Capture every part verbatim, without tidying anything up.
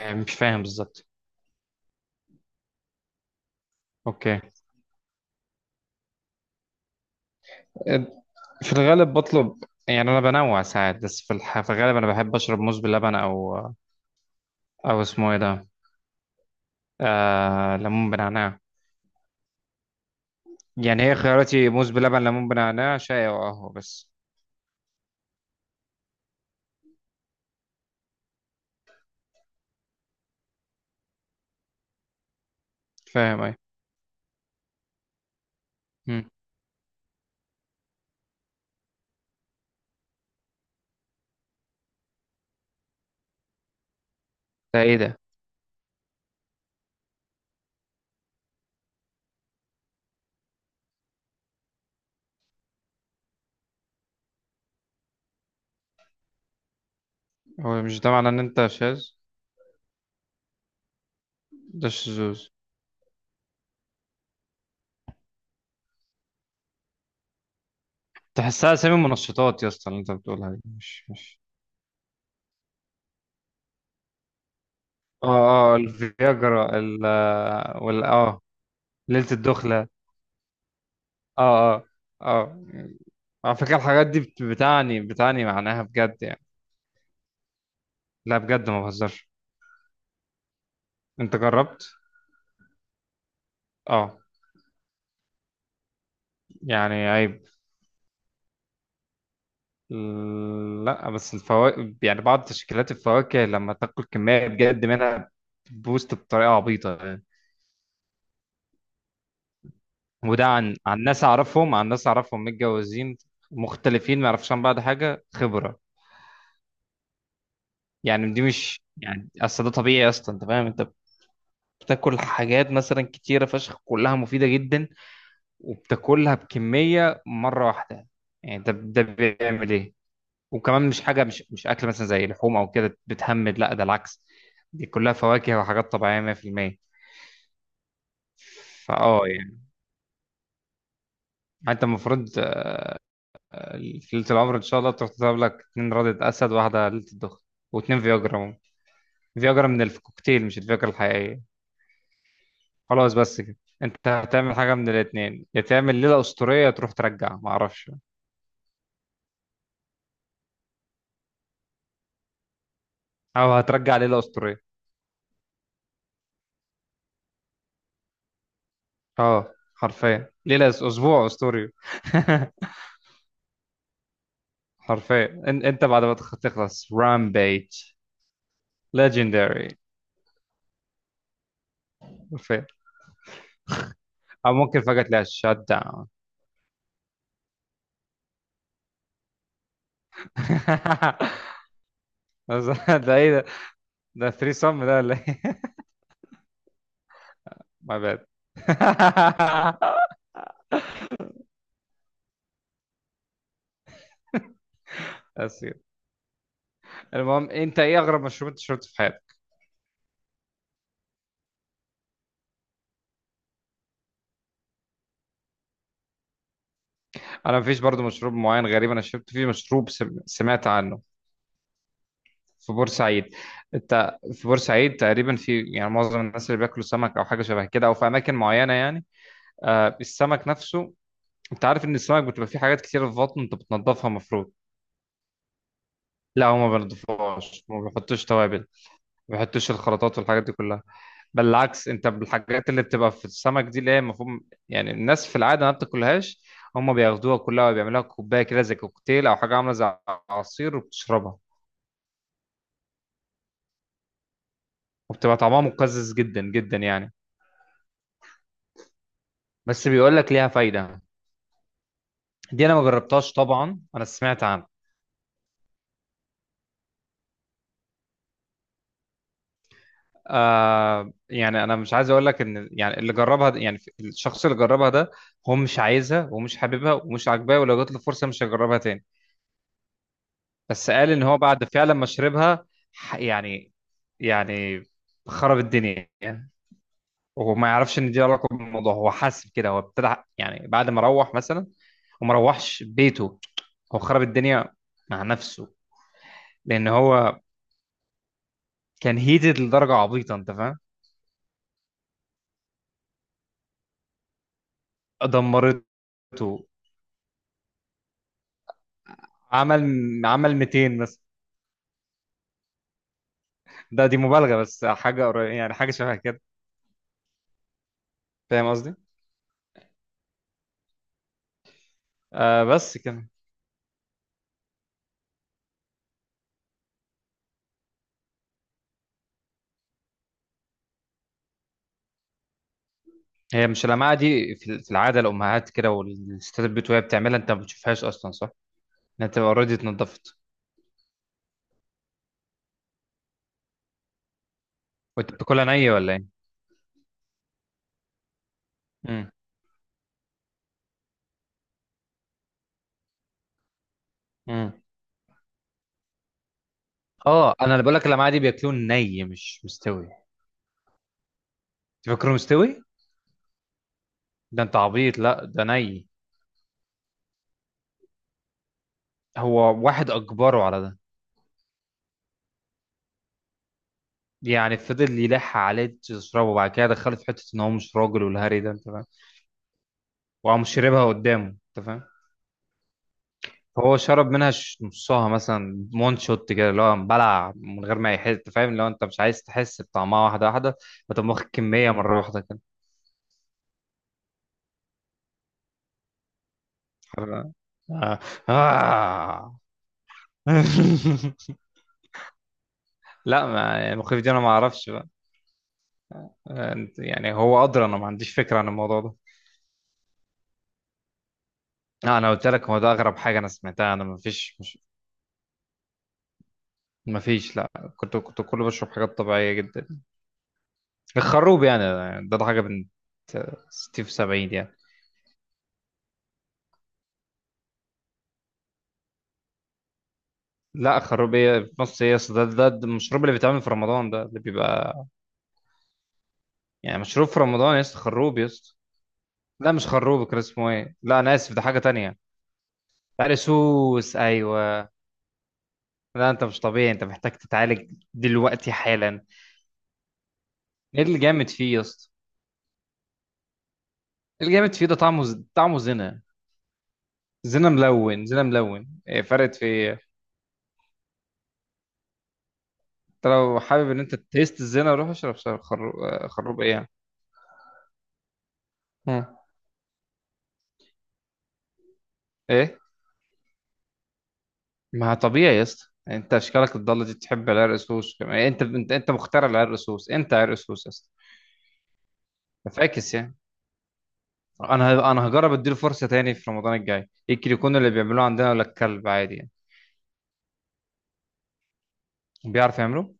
يعني مش فاهم بالظبط. اوكي، في الغالب بطلب، يعني انا بنوع ساعات بس في, الح... في الغالب انا بحب اشرب موز باللبن او او اسمه ايه ده آه... ليمون بنعناع. يعني هي خياراتي موز بلبن، ليمون بنعناع، شاي او قهوه بس. فاهم ايه. مم. ده ايه ده؟ هو مش ده معناه ان انت شاذ؟ ده الشذوذ. تحسها اسامي منشطات يا اسطى اللي انت بتقولها دي، مش مش. اه اه الفياجرا ال وال اه ليلة الدخلة. اه اه اه. على فكرة الحاجات دي بت- بتعني بتعني معناها بجد يعني. لا بجد ما بهزرش. انت جربت؟ اه يعني عيب. لا بس الفواكه، يعني بعض تشكيلات الفواكه لما تاكل كمية بجد منها بوست بطريقة عبيطة يعني. وده عن عن ناس اعرفهم، عن ناس اعرفهم متجوزين مختلفين ما يعرفوش عن بعض حاجة خبرة. يعني دي مش يعني اصل ده طبيعي اصلا انت فاهم؟ انت بتاكل حاجات مثلا كتيرة فشخ كلها مفيدة جدا، وبتاكلها بكميه مره واحده، يعني ده ده بيعمل ايه. وكمان مش حاجه، مش مش اكل مثلا زي لحوم او كده بتهمد، لا ده العكس. دي كلها فواكه وحاجات طبيعيه مية في المية. فاه يعني انت المفروض في ليله العمر ان شاء الله تروح تضرب لك اتنين رده اسد واحده ليله الدخن واتنين فياجرا. فياجرا من الكوكتيل مش الفياجرا الحقيقيه. خلاص بس كده. انت هتعمل حاجه من الاتنين، يا تعمل ليله اسطوريه تروح ترجع ما اعرفش او هترجع ليله اسطوريه. اه حرفيا ليلة أس- اسبوع اسطوري. حرفيا إن- انت بعد ما تخ- تخلص رامبيج ليجندري. حرفيا. او ممكن فجأة تلاقي شات داون. بس ده ايه ده؟ ده تلاتة سم ده ولا ايه؟ ماي باد. اسير. المهم انت ايه اغرب مشروب انت شربته في حياتك؟ انا مفيش برضو مشروب معين غريب. انا شربت فيه مشروب سم- سمعت عنه في بورسعيد. انت في بورسعيد تقريبا في يعني معظم الناس اللي بياكلوا سمك او حاجه شبه كده او في اماكن معينه يعني آه السمك نفسه. انت عارف ان السمك بتبقى فيه حاجات كتير في بطنه انت بتنضفها المفروض؟ لا هو ما بينضفوهاش، ما بيحطوش توابل، ما بيحطوش الخلطات والحاجات دي كلها. بل العكس انت بالحاجات اللي بتبقى في السمك دي اللي هي المفروض يعني الناس في العاده ما بتاكلهاش، هم بياخدوها كلها وبيعملوها كوبايه كده زي كوكتيل او حاجه عامله زي عصير وبتشربها. وبتبقى طعمها مقزز جدا جدا يعني. بس بيقول لك ليها فايده. دي انا ما جربتهاش طبعا، انا سمعت عنها. آه يعني انا مش عايز اقول لك ان يعني اللي جربها ده- يعني الشخص اللي جربها ده هو مش عايزها ومش حاببها ومش عاجباه ولو جات له فرصه مش هيجربها تاني. بس قال ان هو بعد فعلا ما شربها، ح- يعني يعني خرب الدنيا يعني. وهو ما يعرفش ان دي علاقه بالموضوع، هو حاسس كده. هو ابتدى يعني بعد ما روح مثلا وما روحش بيته، هو خرب الدنيا مع نفسه، لان هو كان هيتد لدرجه عبيطه انت فاهم. دمرته. عمل عمل ميتين مثلا، ده دي مبالغة بس حاجة قريبة يعني حاجة شبه كده. فاهم قصدي؟ آه بس كده. هي مش اللمعة دي في في العادة الأمهات كده والستات البيت، وهي بتعملها أنت ما بتشوفهاش أصلا صح؟ إنها بتبقى أوريدي اتنضفت. وأنت بتاكلها نية ولا إيه؟ امم امم أه أنا اللي بقول لك اللمعة دي بياكلوه ني مش مستوي. تفكره مستوي؟ ده أنت عبيط، لا ده ني. هو واحد أجبره على ده. يعني فضل يلح عليه تشربه وبعد كده دخله في حتة إن هو مش راجل والهري ده أنت فاهم؟ وقام شربها قدامه أنت فاهم؟ هو شرب منها ش- نصها مثلا مون شوت كده اللي هو بلع من غير ما يحس. فاهم؟ لو انت مش عايز تحس بطعمها واحده واحده فتقوم واخد كميه مره واحده كده. حر- آه. آه. لا ما يعني المخيف دي انا ما اعرفش بقى. انت- يعني هو ادرى، انا ما عنديش فكره عن الموضوع ده. لا انا قلت لك هو ده اغرب حاجه انا سمعتها. انا ما فيش مش ما فيش لا. كنت كنت كله بشرب حاجات طبيعيه جدا. الخروب يعني، ده ده حاجه بنت ستين في سبعين. لا خروبية في مصر يا اسطى، ده ده ده المشروب اللي بيتعمل في رمضان ده اللي بيبقى يعني مشروب في رمضان يا اسطى، خروب يا اسطى. لا مش خروب، كان اسمه ايه؟ لا انا اسف ده حاجة تانية. عرسوس ايوه. لا انت مش طبيعي، انت محتاج تتعالج دلوقتي حالا. ايه اللي جامد فيه يا اسطى؟ إيه اللي جامد فيه؟ ده طعمه ز- طعمه زنا. زنا ملون، زنا ملون، إيه فرقت في ايه؟ انت لو حابب ان انت تيست الزنا روح اشرب خروب. خروب ايه. مم. ايه. ما طبيعي يا اسطى، يعني انت اشكالك الضاله دي تحب العرق سوس كمان. انت انت انت مخترع العرق سوس، انت عرق سوس يا اسطى. فاكس يعني. انا ه- انا هجرب اديله فرصه تاني في رمضان الجاي، يمكن يكون اللي بيعملوه عندنا ولا الكلب عادي يعني. بيعرف يعمله.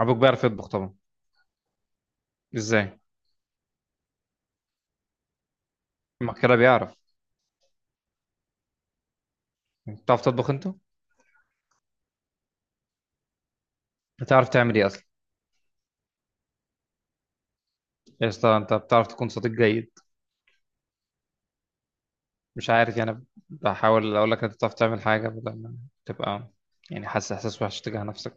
ابوك بيعرف يطبخ طبعا؟ ازاي؟ ما كده بيعرف. بتعرف تطبخ انت؟ بتعرف تعمل ايه اصلا؟ يا اسطى انت بتعرف تكون صديق جيد؟ مش عارف يعني بحاول اقول لك انت بتعرف تعمل حاجه بدل ما تبقى يعني حاسس احساس وحش تجاه نفسك.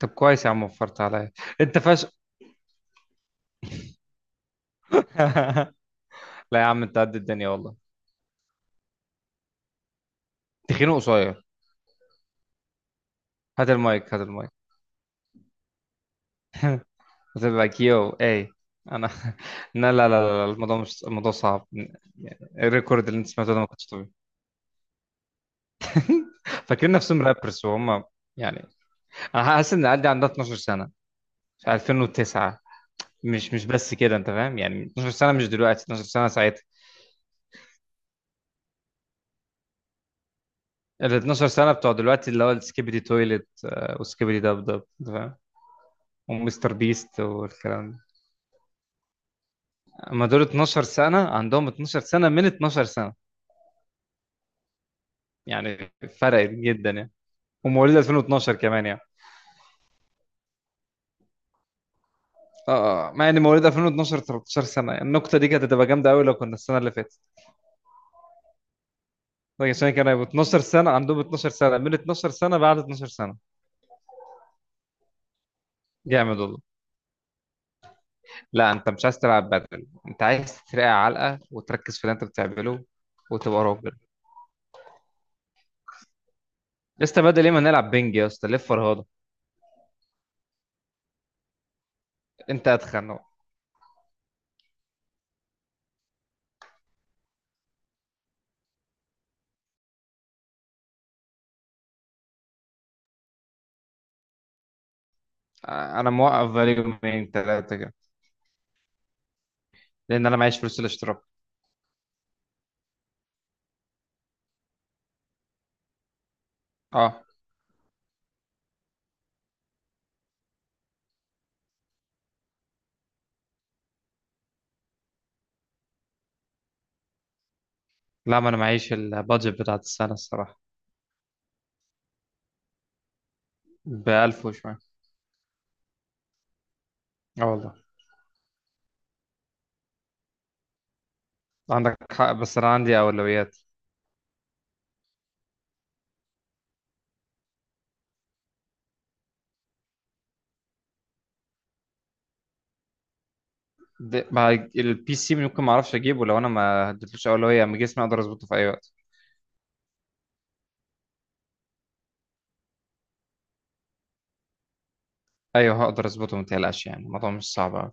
طب كويس يا عم، وفرت عليا. انت فاشل. لا يا عم انت قد الدنيا والله. تخينه قصير. هات المايك، هات المايك. هتبقى كيو اي. انا لا لا لا لا الموضوع مش الموضوع صعب. يعني الريكورد اللي انت سمعته ده ما كنتش طبيعي. فاكرين نفسهم رابرز وهم يعني. انا حاسس ان عندي عندها اتناشر سنه في الفين وتسعة. مش مش بس كده انت فاهم، يعني اثنا عشر سنه مش دلوقتي، اثنا عشر سنه ساعتها. ال اتناشر سنه بتوع دلوقتي اللي هو السكيبيدي تويلت آه، وسكيبيدي دب دب انت فاهم، ومستر بيست والكلام ده. اما دول اتناشر سنه عندهم اتناشر سنه من اتناشر سنه يعني. فرقت جدا يعني. ومواليد الفين واثنا عشر كمان يعني. اه آه. مع ان مواليد الفين واتناشر ثلاثة عشر سنه، يعني النقطه دي كانت هتبقى جامده قوي لو كنا السنه اللي فاتت، لكن عشان كانوا هيبقوا اثنا عشر سنه عندهم اتناشر سنه من اثنا عشر سنه بعد اتناشر سنه. جامد والله. لا انت مش عايز تلعب بدل، انت عايز ترقع علقه وتركز في اللي انت بتعمله وتبقى راجل. يا اسطى بدل ايه، ما نلعب بينج يا اسطى ليه الفرهده. انت اتخن اهو. آه، انا موقف بقالي يومين ثلاثه كده لان انا معيش فلوس الاشتراك. اه. لا ما انا معيش البادجت بتاعت السنه الصراحه. بألف وشوية. اه والله. عندك حق بس انا عندي اولويات. د- مع البي سي ممكن ما اعرفش اجيبه لو انا ما اديتلوش اولويه، اما جسمي اقدر اظبطه في اي وقت. ايوه هقدر اظبطه ما تقلقش، يعني الموضوع مش صعب.